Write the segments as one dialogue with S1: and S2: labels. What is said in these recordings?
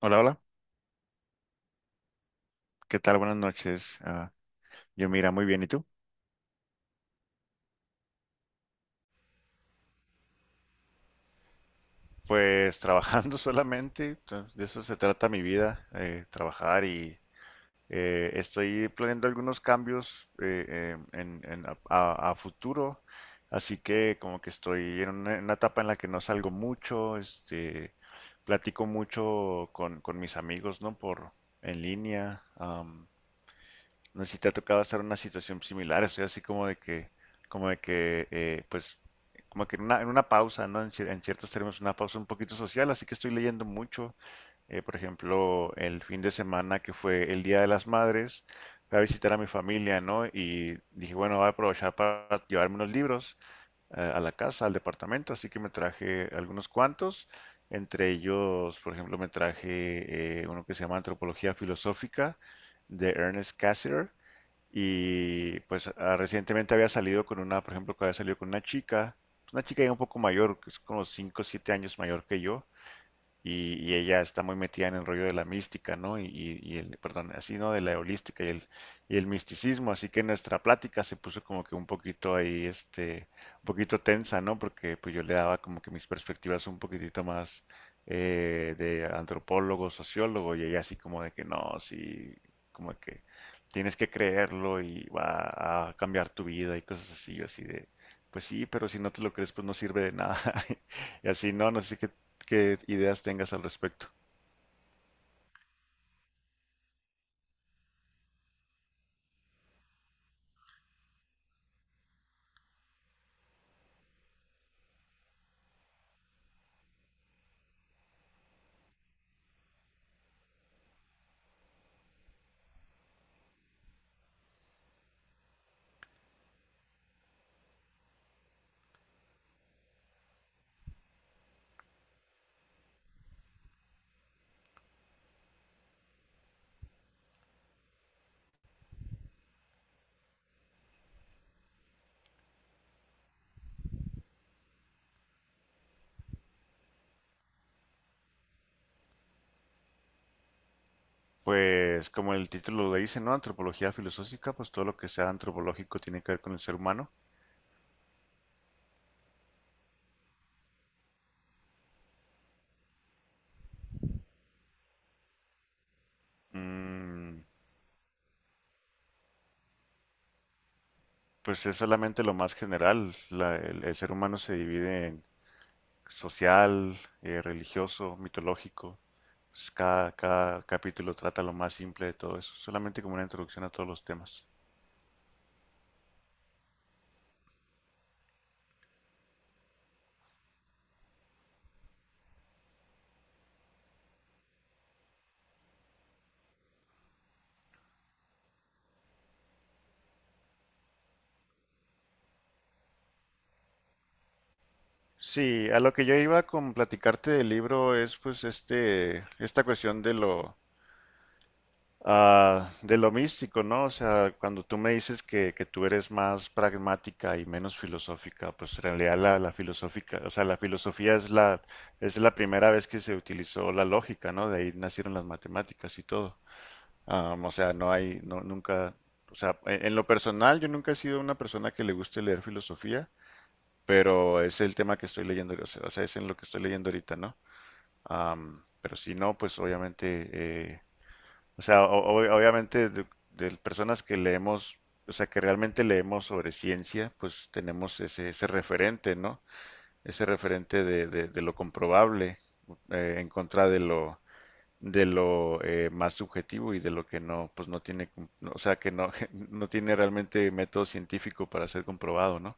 S1: Hola, hola. ¿Qué tal? Buenas noches. Yo mira, muy bien. ¿Y tú? Pues trabajando solamente. De eso se trata mi vida, trabajar y estoy planeando algunos cambios a futuro. Así que como que estoy en en una etapa en la que no salgo mucho, este, platico mucho con mis amigos, ¿no? Por en línea. No sé si te ha tocado estar en una situación similar, estoy así como de que, pues, como que en en una pausa, ¿no? En ciertos términos, una pausa un poquito social, así que estoy leyendo mucho. Por ejemplo, el fin de semana que fue el Día de las Madres, fui a visitar a mi familia, ¿no? Y dije, bueno, voy a aprovechar para llevarme unos libros a la casa, al departamento, así que me traje algunos cuantos. Entre ellos, por ejemplo, me traje uno que se llama Antropología Filosófica de Ernest Cassirer y pues recientemente había salido con una, por ejemplo, que había salido con una chica ya un poco mayor, que es como 5 o 7 años mayor que yo, y ella está muy metida en el rollo de la mística, ¿no? Y el, perdón, así, ¿no? De la holística y el misticismo, así que nuestra plática se puso como que un poquito ahí, este, un poquito tensa, ¿no? Porque pues yo le daba como que mis perspectivas un poquitito más de antropólogo, sociólogo, y ella así como de que no, sí, como que tienes que creerlo y va a cambiar tu vida y cosas así, yo así de, pues sí, pero si no te lo crees, pues no sirve de nada. Y así, no, no sé qué. ¿Qué ideas tengas al respecto? Pues como el título lo dice, ¿no? Antropología filosófica, pues todo lo que sea antropológico tiene que ver con el ser humano. Mm, pues es solamente lo más general. El ser humano se divide en social, religioso, mitológico. Pues, cada capítulo trata lo más simple de todo eso, solamente como una introducción a todos los temas. Sí, a lo que yo iba con platicarte del libro es pues este, esta cuestión de lo. Ah, de lo místico, ¿no? O sea, cuando tú me dices que tú eres más pragmática y menos filosófica, pues en realidad la filosófica, o sea, la filosofía es la primera vez que se utilizó la lógica, ¿no? De ahí nacieron las matemáticas y todo. Am, o sea, no hay, no, nunca, o sea, en lo personal yo nunca he sido una persona que le guste leer filosofía, pero es el tema que estoy leyendo, o sea, es en lo que estoy leyendo ahorita, ¿no? Am, pero si no, pues obviamente o sea, obviamente de personas que leemos, o sea, que realmente leemos sobre ciencia, pues tenemos ese referente, ¿no? Ese referente de, de lo comprobable en contra de lo más subjetivo y de lo que no, pues no tiene, o sea, que no, no tiene realmente método científico para ser comprobado, ¿no?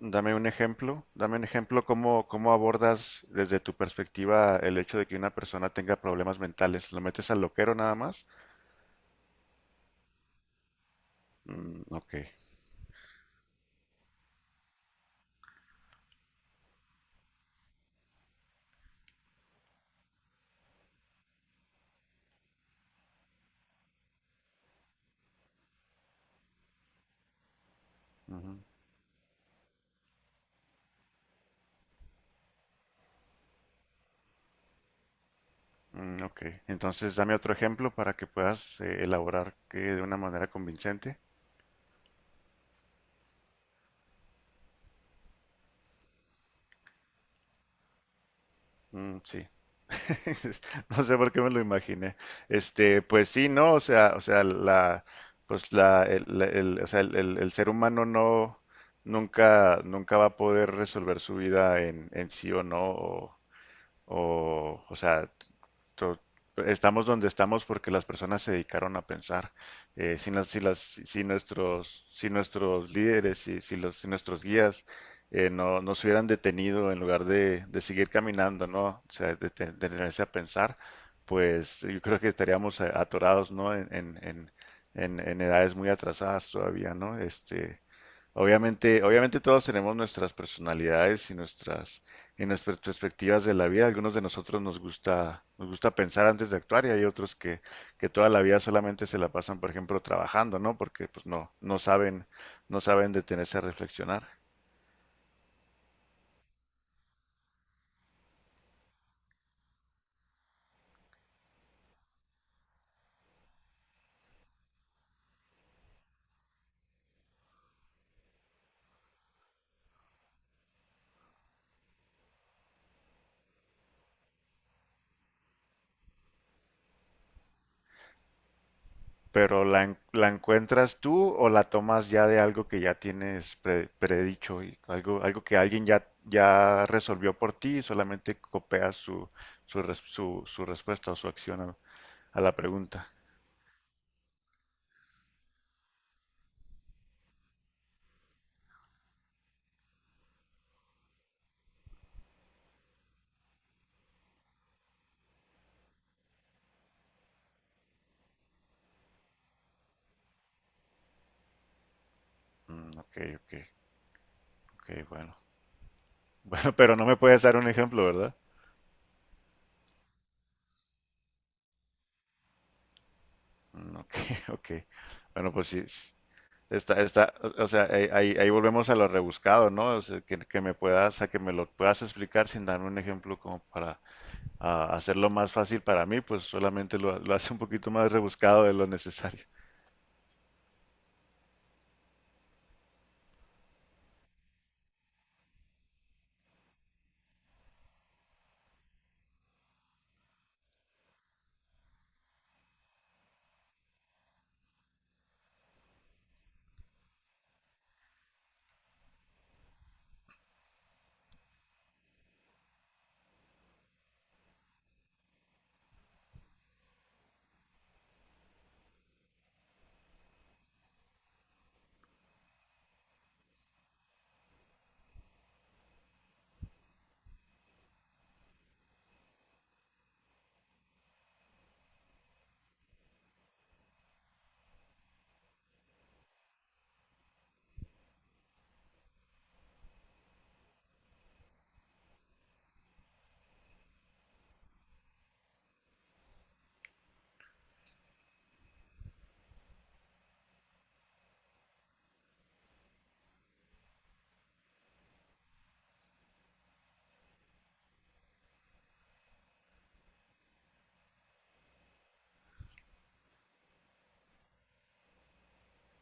S1: Dame un ejemplo cómo, cómo abordas desde tu perspectiva el hecho de que una persona tenga problemas mentales. ¿Lo metes al loquero nada más? Mm, ok. Ujú. Mm, ok. Entonces, dame otro ejemplo para que puedas elaborar que de una manera convincente. Mm, sí. No sé por qué me lo imaginé. Este, pues sí, no, o sea, la, pues la, el, o sea, el, el ser humano no, nunca, nunca va a poder resolver su vida en sí o no. O sea, to- estamos donde estamos porque las personas se dedicaron a pensar. Si, las, si, las, si nuestros, si nuestros líderes, si, si, los, si nuestros guías no, no se hubieran detenido en lugar de seguir caminando, ¿no? O sea, de, de detenerse a pensar, pues yo creo que estaríamos atorados, ¿no? En, en edades muy atrasadas todavía, ¿no? Este, obviamente, obviamente todos tenemos nuestras personalidades y nuestras perspectivas de la vida. Algunos de nosotros nos gusta pensar antes de actuar y hay otros que toda la vida solamente se la pasan, por ejemplo, trabajando, ¿no? Porque pues no, no saben, no saben detenerse a reflexionar. Pero la, la encuentras tú o la tomas ya de algo que ya tienes predicho y algo, algo que alguien ya, ya resolvió por ti y solamente copias su, su, su, su respuesta o su acción a la pregunta. Mm, ok, ok, ok, bueno. Bueno, pero no me puedes dar un ejemplo, ¿verdad? Mm, ok, ok. Bueno, pues sí, está, está, o sea, ahí, ahí volvemos a lo rebuscado, ¿no? O sea, que me puedas, a que me lo puedas explicar sin darme un ejemplo como para hacerlo más fácil para mí, pues solamente lo hace un poquito más rebuscado de lo necesario.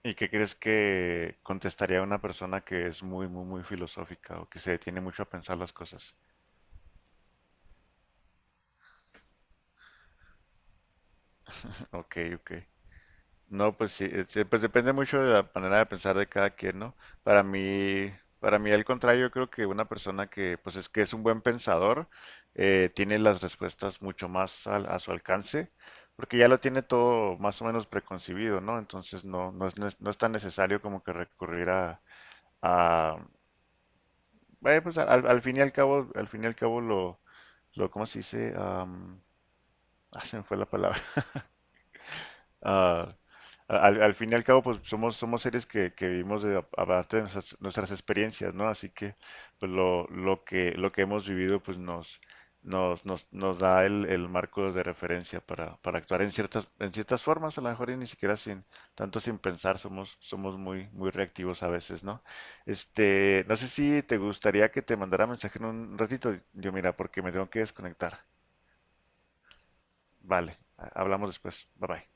S1: ¿Y qué crees que contestaría una persona que es muy, muy, muy filosófica o que se detiene mucho a pensar las cosas? Ok, ok. No, pues sí, pues depende mucho de la manera de pensar de cada quien, ¿no? Para mí, para mí al contrario, yo creo que una persona que, pues es que es un buen pensador, tiene las respuestas mucho más a su alcance, porque ya lo tiene todo más o menos preconcebido, ¿no? Entonces no, no es, no es tan necesario como que recurrir a pues al, al fin y al cabo, al fin y al cabo lo, ¿cómo se dice? Am, ah, se me fue la palabra. Ah, al, al fin y al cabo, pues somos, somos seres que vivimos de, a base de nuestras, nuestras experiencias, ¿no? Así que pues lo que hemos vivido, pues nos, nos, nos, nos da el marco de referencia para actuar en ciertas formas, a lo mejor y ni siquiera sin, tanto sin pensar, somos, somos muy, muy reactivos a veces, ¿no? Este, no sé si te gustaría que te mandara mensaje en un ratito, yo mira, porque me tengo que desconectar. Vale, hablamos después. Bye bye.